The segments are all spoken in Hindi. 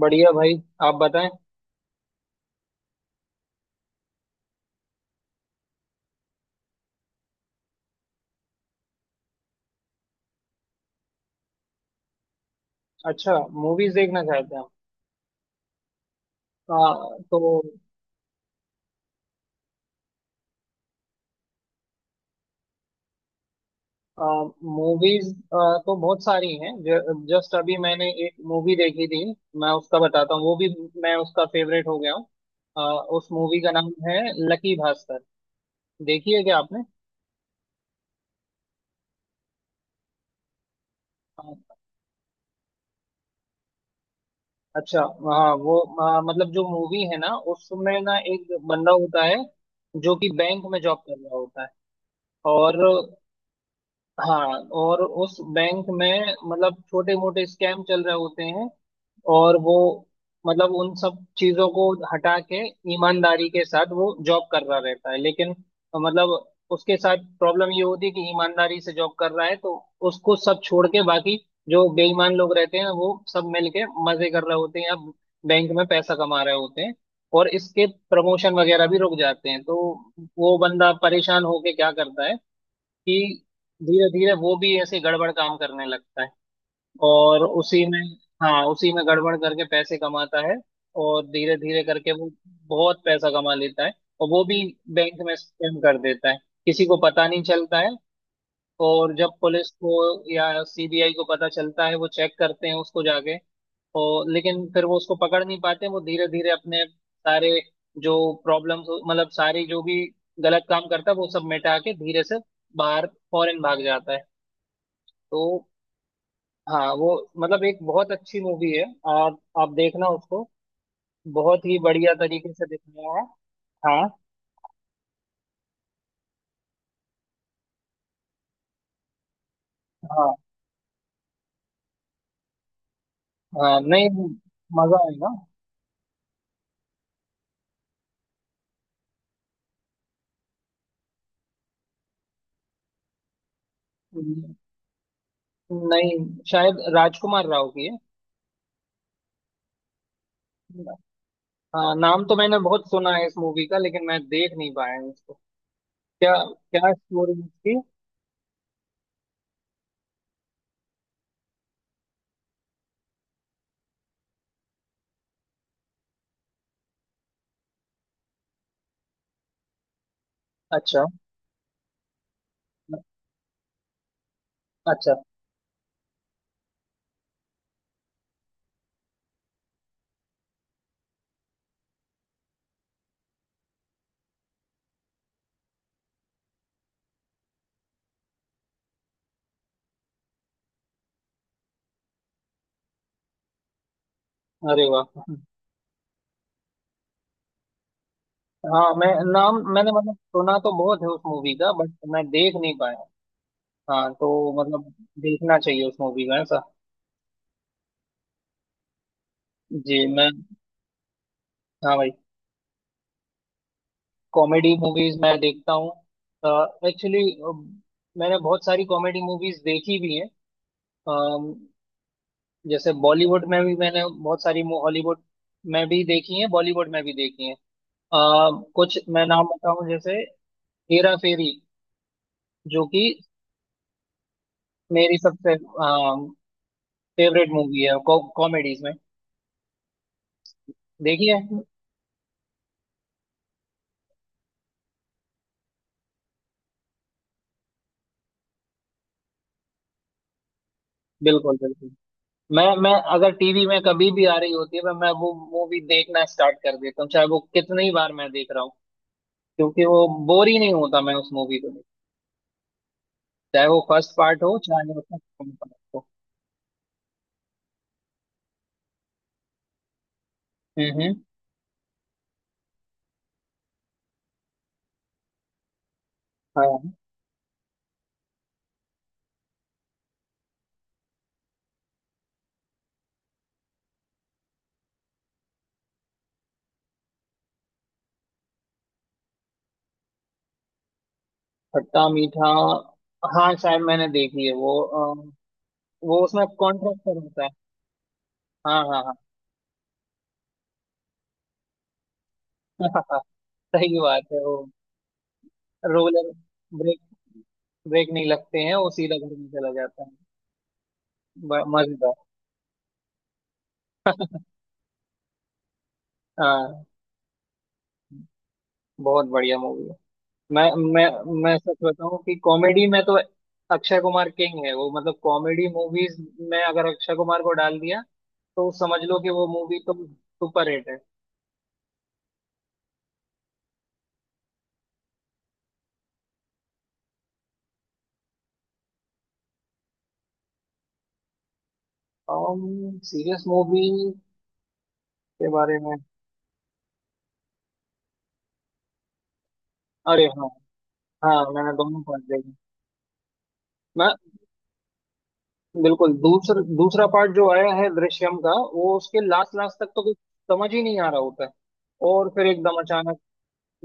बढ़िया भाई। आप बताएं। अच्छा। मूवीज देखना चाहते हैं आप। तो मूवीज तो बहुत सारी हैं। जस्ट अभी मैंने एक मूवी देखी थी। मैं उसका बताता हूँ वो भी। मैं उसका फेवरेट हो गया हूँ। उस मूवी का नाम है लकी भास्कर। देखी है क्या आपने। आ, अच्छा। हाँ वो मतलब जो मूवी है ना उसमें ना एक बंदा होता है जो कि बैंक में जॉब कर रहा होता है। और हाँ, और उस बैंक में मतलब छोटे मोटे स्कैम चल रहे होते हैं। और वो मतलब उन सब चीजों को हटा के ईमानदारी के साथ वो जॉब कर रहा रहता है, लेकिन मतलब उसके साथ प्रॉब्लम ये होती है कि ईमानदारी से जॉब कर रहा है तो उसको सब छोड़ के बाकी जो बेईमान लोग रहते हैं वो सब मिलके मजे कर रहे होते हैं या बैंक में पैसा कमा रहे होते हैं। और इसके प्रमोशन वगैरह भी रुक जाते हैं तो वो बंदा परेशान होके क्या करता है कि धीरे धीरे वो भी ऐसे गड़बड़ काम करने लगता है। और उसी में, हाँ, उसी में गड़बड़ करके पैसे कमाता है और धीरे धीरे करके वो बहुत पैसा कमा लेता है और वो भी बैंक में स्कैम कर देता है। किसी को पता नहीं चलता है। और जब पुलिस को या सीबीआई को पता चलता है वो चेक करते हैं उसको जाके, और लेकिन फिर वो उसको पकड़ नहीं पाते। वो धीरे धीरे अपने सारे जो प्रॉब्लम्स मतलब सारी जो भी गलत काम करता है वो सब मिटा के धीरे से बाहर फॉरेन भाग जाता है। तो हाँ, वो मतलब एक बहुत अच्छी मूवी है। आप देखना उसको, बहुत ही बढ़िया तरीके से दिखाया है। हाँ। हाँ। हाँ नहीं, मजा आएगा। नहीं, शायद राजकुमार राव की है। हाँ, नाम तो मैंने बहुत सुना है इस मूवी का लेकिन मैं देख नहीं पाया हूँ इसको। क्या क्या स्टोरी इसकी। अच्छा अच्छा। अरे वाह। हाँ, मैं, नाम मैंने मतलब सुना तो बहुत है उस मूवी का बट मैं देख नहीं पाया। हाँ। तो मतलब देखना चाहिए उस मूवी का। जी मैं। हाँ भाई। कॉमेडी मूवीज मैं देखता हूँ एक्चुअली। मैंने बहुत सारी कॉमेडी मूवीज देखी भी हैं। अम, जैसे बॉलीवुड में भी मैंने बहुत सारी, हॉलीवुड में भी देखी हैं, बॉलीवुड में भी देखी हैं। कुछ मैं नाम बताऊं जैसे हेरा फेरी जो कि मेरी सबसे फेवरेट मूवी है कॉमेडीज में। देखी है। बिल्कुल बिल्कुल। मैं अगर टीवी में कभी भी आ रही होती है मैं वो मूवी देखना स्टार्ट कर देता हूँ, चाहे वो कितनी बार मैं देख रहा हूँ, क्योंकि वो बोर ही नहीं होता मैं उस मूवी को देख। चाहे वो फर्स्ट पार्ट हो चाहे उसका second part हो। हम्म, हम्म। हाँ। खट्टा मीठा। हाँ शायद मैंने देखी है वो। वो उसमें कॉन्ट्रैक्टर होता है। हाँ हाँ। हाँ। सही बात है वो। रोलर ब्रेक ब्रेक नहीं लगते हैं, वो सीधा घर में चला जाता है। मजेदार। हाँ। बहुत बढ़िया मूवी है। मैं मैं मैं सच बताऊं कि कॉमेडी में तो अक्षय कुमार किंग है। वो मतलब कॉमेडी मूवीज में अगर अक्षय कुमार को डाल दिया तो समझ लो कि वो मूवी तो सुपर हिट है। सीरियस मूवी के बारे में। अरे हाँ। हाँ मैंने दोनों पार्ट देखे। मैं बिल्कुल, दूसरा पार्ट जो आया है दृश्यम का, वो उसके लास्ट लास्ट तक तो कुछ समझ ही नहीं आ रहा होता है। और फिर एकदम अचानक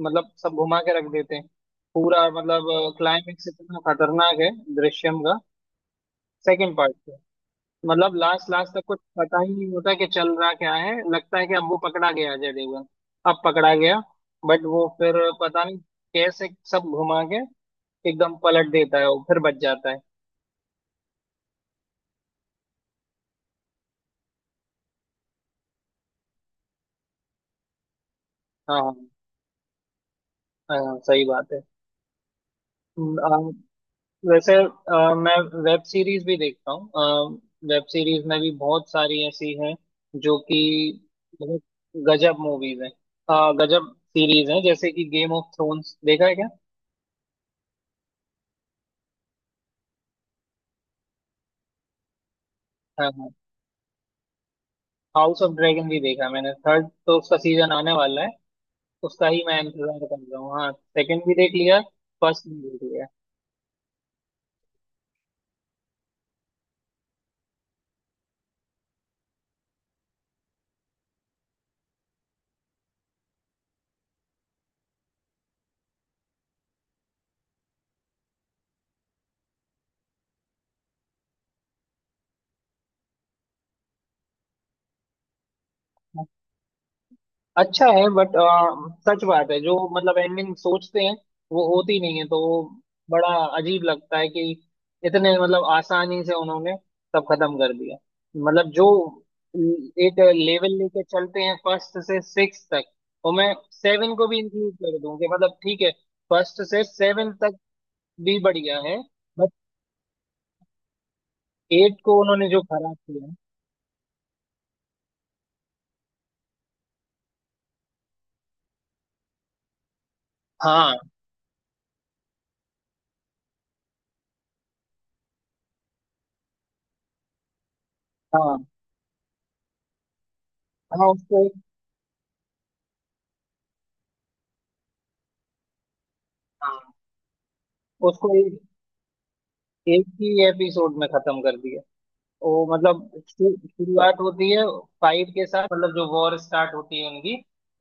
मतलब सब घुमा के रख देते हैं। पूरा मतलब क्लाइमेक्स इतना खतरनाक है दृश्यम का सेकंड पार्ट। मतलब लास्ट लास्ट तक कुछ पता ही नहीं होता कि चल रहा क्या है। लगता है कि अब वो पकड़ा गया अजय देवगन, अब पकड़ा गया, बट वो फिर पता नहीं कैसे सब घुमा के एकदम पलट देता है, वो फिर बच जाता है। हाँ हाँ। हाँ, हाँ, सही बात है। अम, वैसे, मैं वेब सीरीज भी देखता हूँ। वेब सीरीज में भी बहुत सारी ऐसी हैं जो कि बहुत गजब मूवीज हैं, गजब सीरीज हैं, जैसे कि गेम ऑफ थ्रोन्स देखा है क्या। हाँ हाँ। हाउस ऑफ ड्रैगन भी देखा मैंने। थर्ड तो उसका सीजन आने वाला है, उसका ही मैं इंतजार कर रहा हूँ। हाँ, सेकंड भी देख लिया, फर्स्ट भी देख लिया। अच्छा है, बट सच बात है, जो मतलब एंडिंग सोचते हैं वो होती नहीं है तो वो बड़ा अजीब लगता है कि इतने मतलब आसानी से उन्होंने सब खत्म कर दिया। मतलब जो एक लेवल लेके चलते हैं फर्स्ट से सिक्स तक, और मैं सेवन को भी इंक्लूड कर दूं कि मतलब ठीक है, फर्स्ट से सेवन तक भी बढ़िया है। एट को उन्होंने जो खराब किया। हाँ हाँ। हाँ, उसको एक। हाँ, उसको एक ही एपिसोड में खत्म कर दिया। वो मतलब शुरुआत होती है फाइव के साथ, मतलब जो वॉर स्टार्ट होती है उनकी,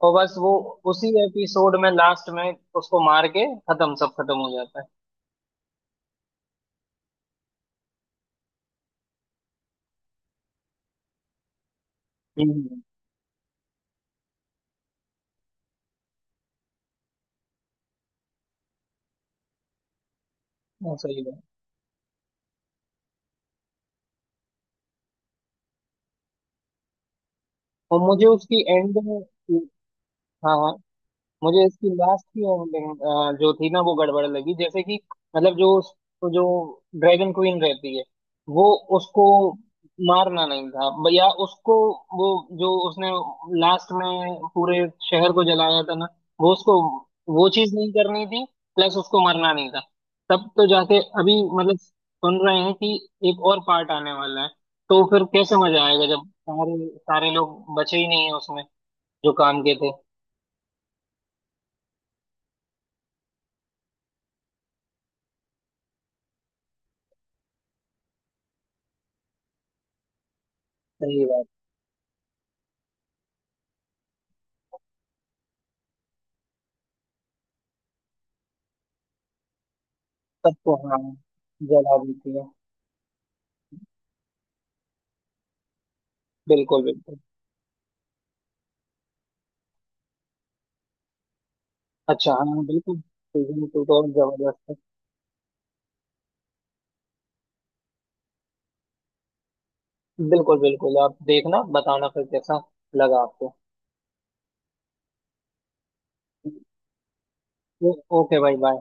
और बस वो उसी एपिसोड में लास्ट में उसको मार के खत्म, सब खत्म हो जाता है। हम्म। हाँ, सही बात। और मुझे उसकी एंड में, हाँ हाँ, मुझे इसकी लास्ट की एंडिंग जो थी ना वो गड़बड़ लगी, जैसे कि मतलब जो उस, तो जो ड्रैगन क्वीन रहती है वो, उसको मारना नहीं था, या उसको, वो जो उसने लास्ट में पूरे शहर को जलाया था ना, वो उसको वो चीज नहीं करनी थी। प्लस उसको मरना नहीं था। तब तो जाके अभी मतलब सुन रहे हैं कि एक और पार्ट आने वाला है, तो फिर कैसे मजा आएगा जब सारे सारे लोग बचे ही नहीं है उसमें जो काम के थे। सही बात। सबको, हाँ, जला देती है। बिल्कुल बिल्कुल। अच्छा हाँ, बिल्कुल, सीजन टू तो जबरदस्त है। बिल्कुल बिल्कुल, आप देखना, बताना फिर कैसा लगा आपको। ओ- ओके भाई, बाय।